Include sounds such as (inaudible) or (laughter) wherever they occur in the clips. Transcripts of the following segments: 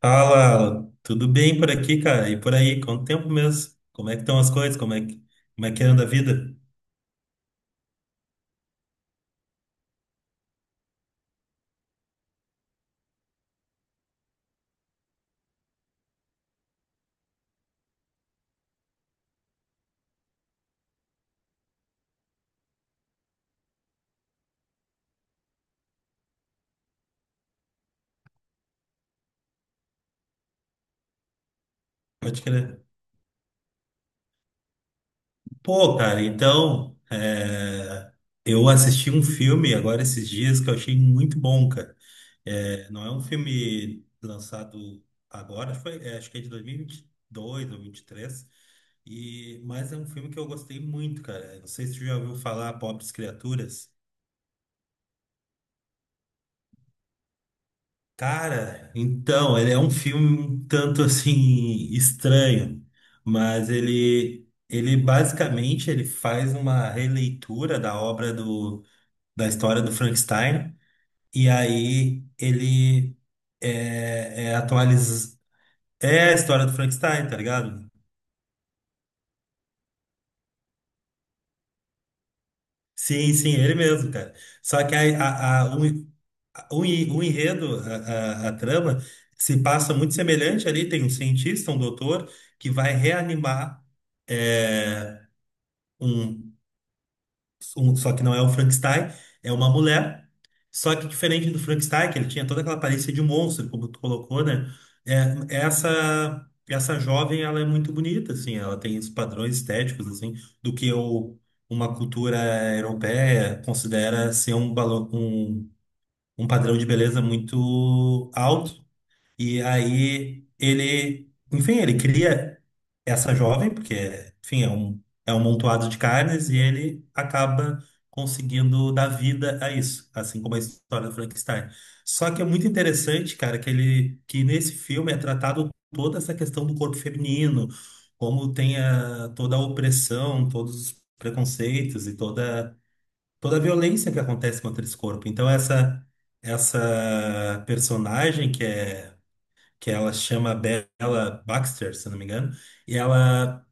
Fala, Alan. Tudo bem por aqui, cara? E por aí? Quanto tempo mesmo? Como é que estão as coisas? Como é que anda a vida? Pode crer. Pô, cara, então, é, eu assisti um filme agora esses dias que eu achei muito bom, cara. Não é um filme lançado agora, acho que é de 2022 ou 2023, mas é um filme que eu gostei muito, cara. Não sei se tu já ouviu falar, Pobres Criaturas. Cara, então, ele é um filme um tanto assim estranho, mas ele basicamente ele faz uma releitura da história do Frankenstein, e aí ele é atualiza é a história do Frankenstein, tá ligado? Sim, sim, ele mesmo, cara. Só que a- o O, en- O enredo, a trama, se passa muito semelhante ali. Tem um cientista, um doutor, que vai reanimar é, um, Só que não é um Frankenstein, é uma mulher. Só que diferente do Frankenstein, que ele tinha toda aquela aparência de monstro, como tu colocou, né? Essa jovem, ela é muito bonita, assim. Ela tem os padrões estéticos, assim, do que o, uma cultura europeia considera ser um balão. Um padrão de beleza muito alto. E aí ele, enfim, ele cria essa jovem, porque, enfim, é um montoado de carnes, e ele acaba conseguindo dar vida a isso, assim como a história do Frankenstein. Só que é muito interessante, cara, que ele, que nesse filme é tratado toda essa questão do corpo feminino, como tem toda a opressão, todos os preconceitos e toda a violência que acontece contra esse corpo. Então essa personagem que é que ela chama Bella Baxter, se não me engano, e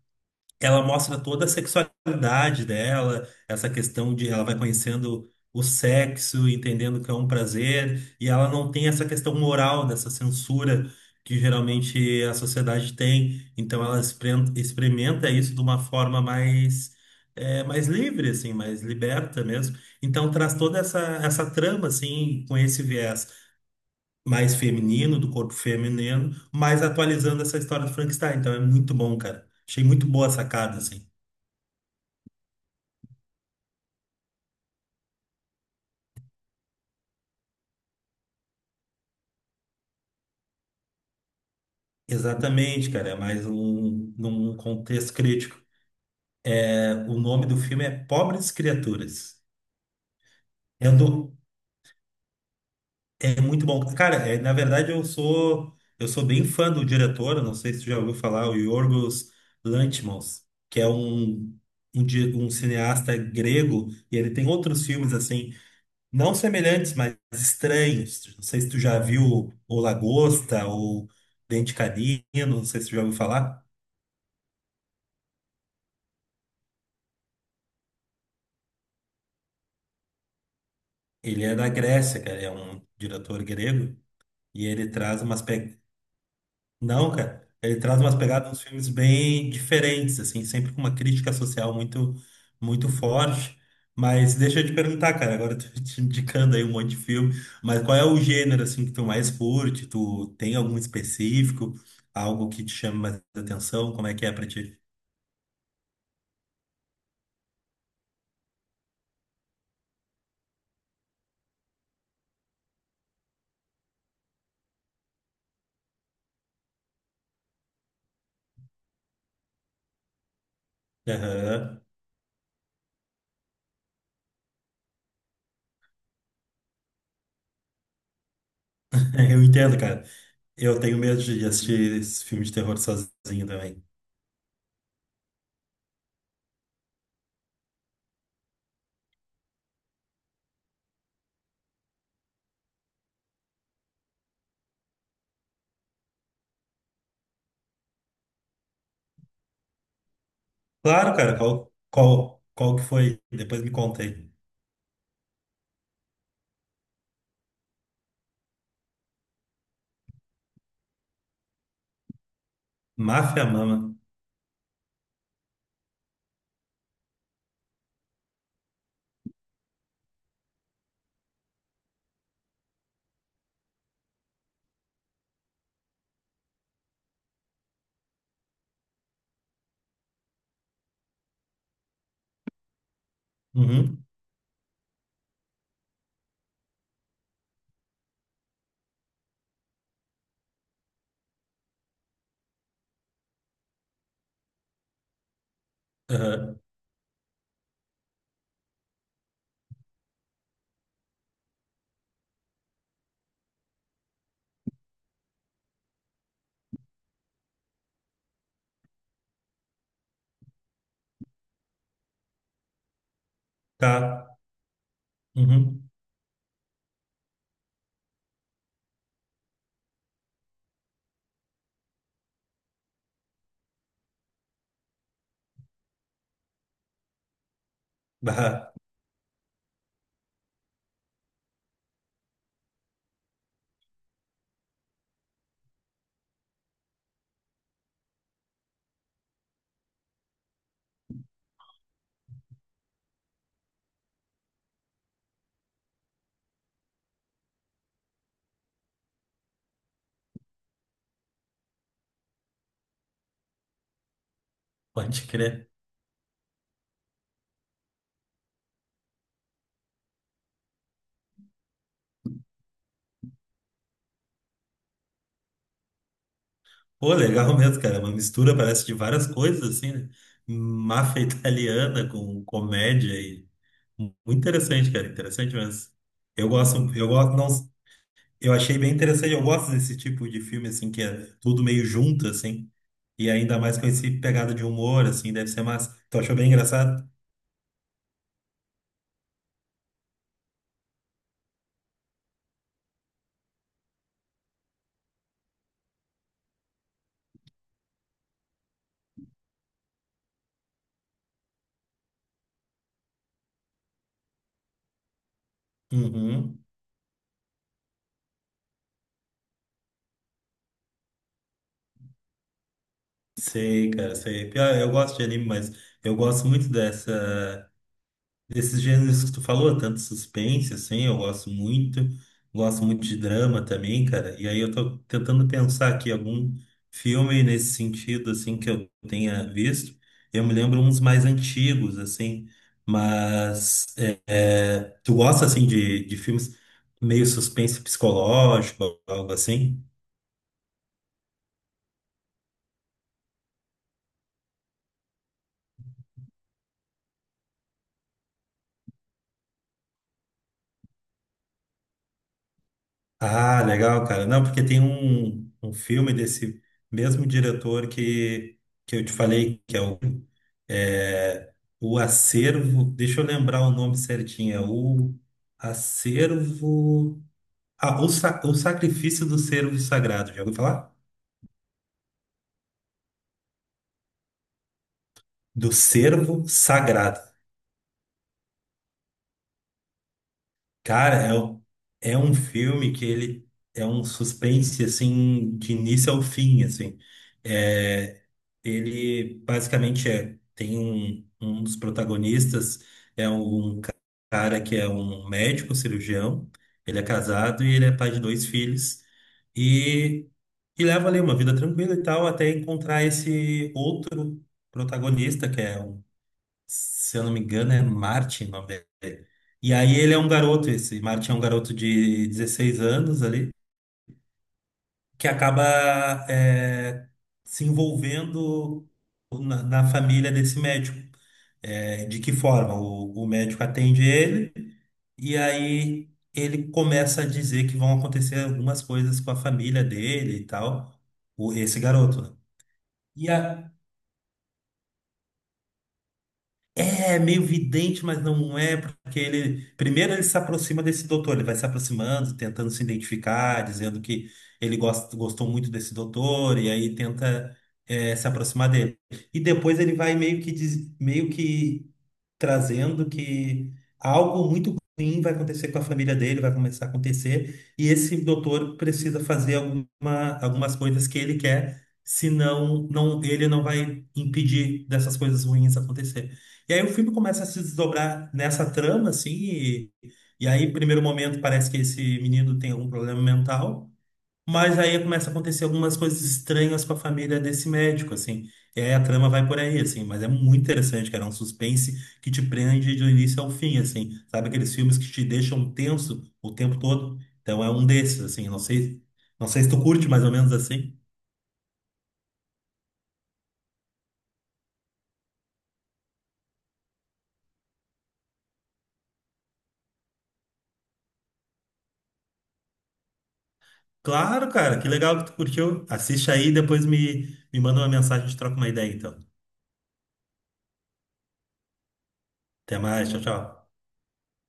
ela mostra toda a sexualidade dela, essa questão de ela vai conhecendo o sexo, entendendo que é um prazer, e ela não tem essa questão moral dessa censura que geralmente a sociedade tem. Então ela experimenta isso de uma forma mais mais livre, assim, mais liberta mesmo. Então traz toda essa trama assim com esse viés mais feminino do corpo feminino, mas atualizando essa história do Frankenstein. Então é muito bom, cara. Achei muito boa a sacada, assim. Exatamente, cara, é mais um, num contexto crítico. É, o nome do filme é Pobres Criaturas. É, um do, é muito bom. Cara, é, na verdade eu sou bem fã do diretor, eu não sei se tu já ouviu falar, o Yorgos Lanthimos, que é um cineasta grego, e ele tem outros filmes assim, não semelhantes, mas estranhos. Não sei se tu já viu O Lagosta ou Dente Canino, não sei se tu já ouviu falar. Ele é da Grécia, cara, é um diretor grego e ele traz umas pe... Não, cara, ele traz umas pegadas dos filmes bem diferentes, assim, sempre com uma crítica social muito forte. Mas deixa eu te perguntar, cara, agora eu tô te indicando aí um monte de filme, mas qual é o gênero assim que tu mais curte? Tu tem algum específico, algo que te chama mais atenção? Como é que é pra ti? Aham. (laughs) Eu entendo, cara. Eu tenho medo de assistir esse filme de terror sozinho também. Claro, cara, qual que foi? Depois me contei. Máfia Mama. Uhum. Aham. Tá. Uhum. (laughs) Bah, pode crer. Pô, legal mesmo, cara. Uma mistura, parece, de várias coisas, assim, né? Máfia italiana com comédia e... Muito interessante, cara. Interessante mesmo. Eu gosto, não, eu achei bem interessante. Eu gosto desse tipo de filme, assim, que é tudo meio junto, assim. E ainda mais com esse pegada de humor, assim, deve ser massa. Tu achou bem engraçado? Uhum. Sei, cara, sei. Pior, eu gosto de anime, mas eu gosto muito dessa. Desses gêneros que tu falou, tanto suspense, assim, eu gosto muito. Gosto muito de drama também, cara. E aí eu tô tentando pensar aqui algum filme nesse sentido, assim, que eu tenha visto. Eu me lembro uns mais antigos, assim. Tu gosta, assim, de filmes meio suspense psicológico, algo assim? Ah, legal, cara. Não, porque tem um filme desse mesmo diretor que eu te falei, que é o, é, o Acervo. Deixa eu lembrar o nome certinho. É o Acervo. O Sacrifício do Cervo Sagrado. Já ouviu falar? Do Cervo Sagrado. Cara, é, o- é um filme que ele é um suspense, assim, de início ao fim, assim. É, ele basicamente é, tem um dos protagonistas, é um ca- cara que é um médico cirurgião, ele é casado e ele é pai de dois filhos, e, e leva ali uma vida tranquila e tal, até encontrar esse outro protagonista, que é um se eu não me engano, é Martin o nome dele. E aí ele é um garoto, esse Martin é um garoto de 16 anos ali, que acaba é, se envolvendo na família desse médico. É, de que forma? O médico atende ele, e aí ele começa a dizer que vão acontecer algumas coisas com a família dele e tal, esse garoto, né? E a, é meio vidente, mas não é, porque ele. Primeiro ele se aproxima desse doutor, ele vai se aproximando, tentando se identificar, dizendo que gostou muito desse doutor, e aí tenta se aproximar dele. E depois ele vai meio que, meio que trazendo que algo muito ruim vai acontecer com a família dele, vai começar a acontecer, e esse doutor precisa fazer algumas coisas que ele quer, senão não, ele não vai impedir dessas coisas ruins e aí o filme começa a se desdobrar nessa trama, assim, e aí, primeiro momento, parece que esse menino tem algum problema mental, mas aí começa a acontecer algumas coisas estranhas com a família desse médico, assim. E aí a trama vai por aí, assim, mas é muito interessante, cara, é um suspense que te prende do início ao fim, assim. Sabe aqueles filmes que te deixam tenso o tempo todo? Então é um desses, assim, não sei, não sei se tu curte mais ou menos assim. Claro, cara, que legal que tu curtiu. Assiste aí, depois me manda uma mensagem, a gente troca uma ideia, então. Até mais, tchau, tchau.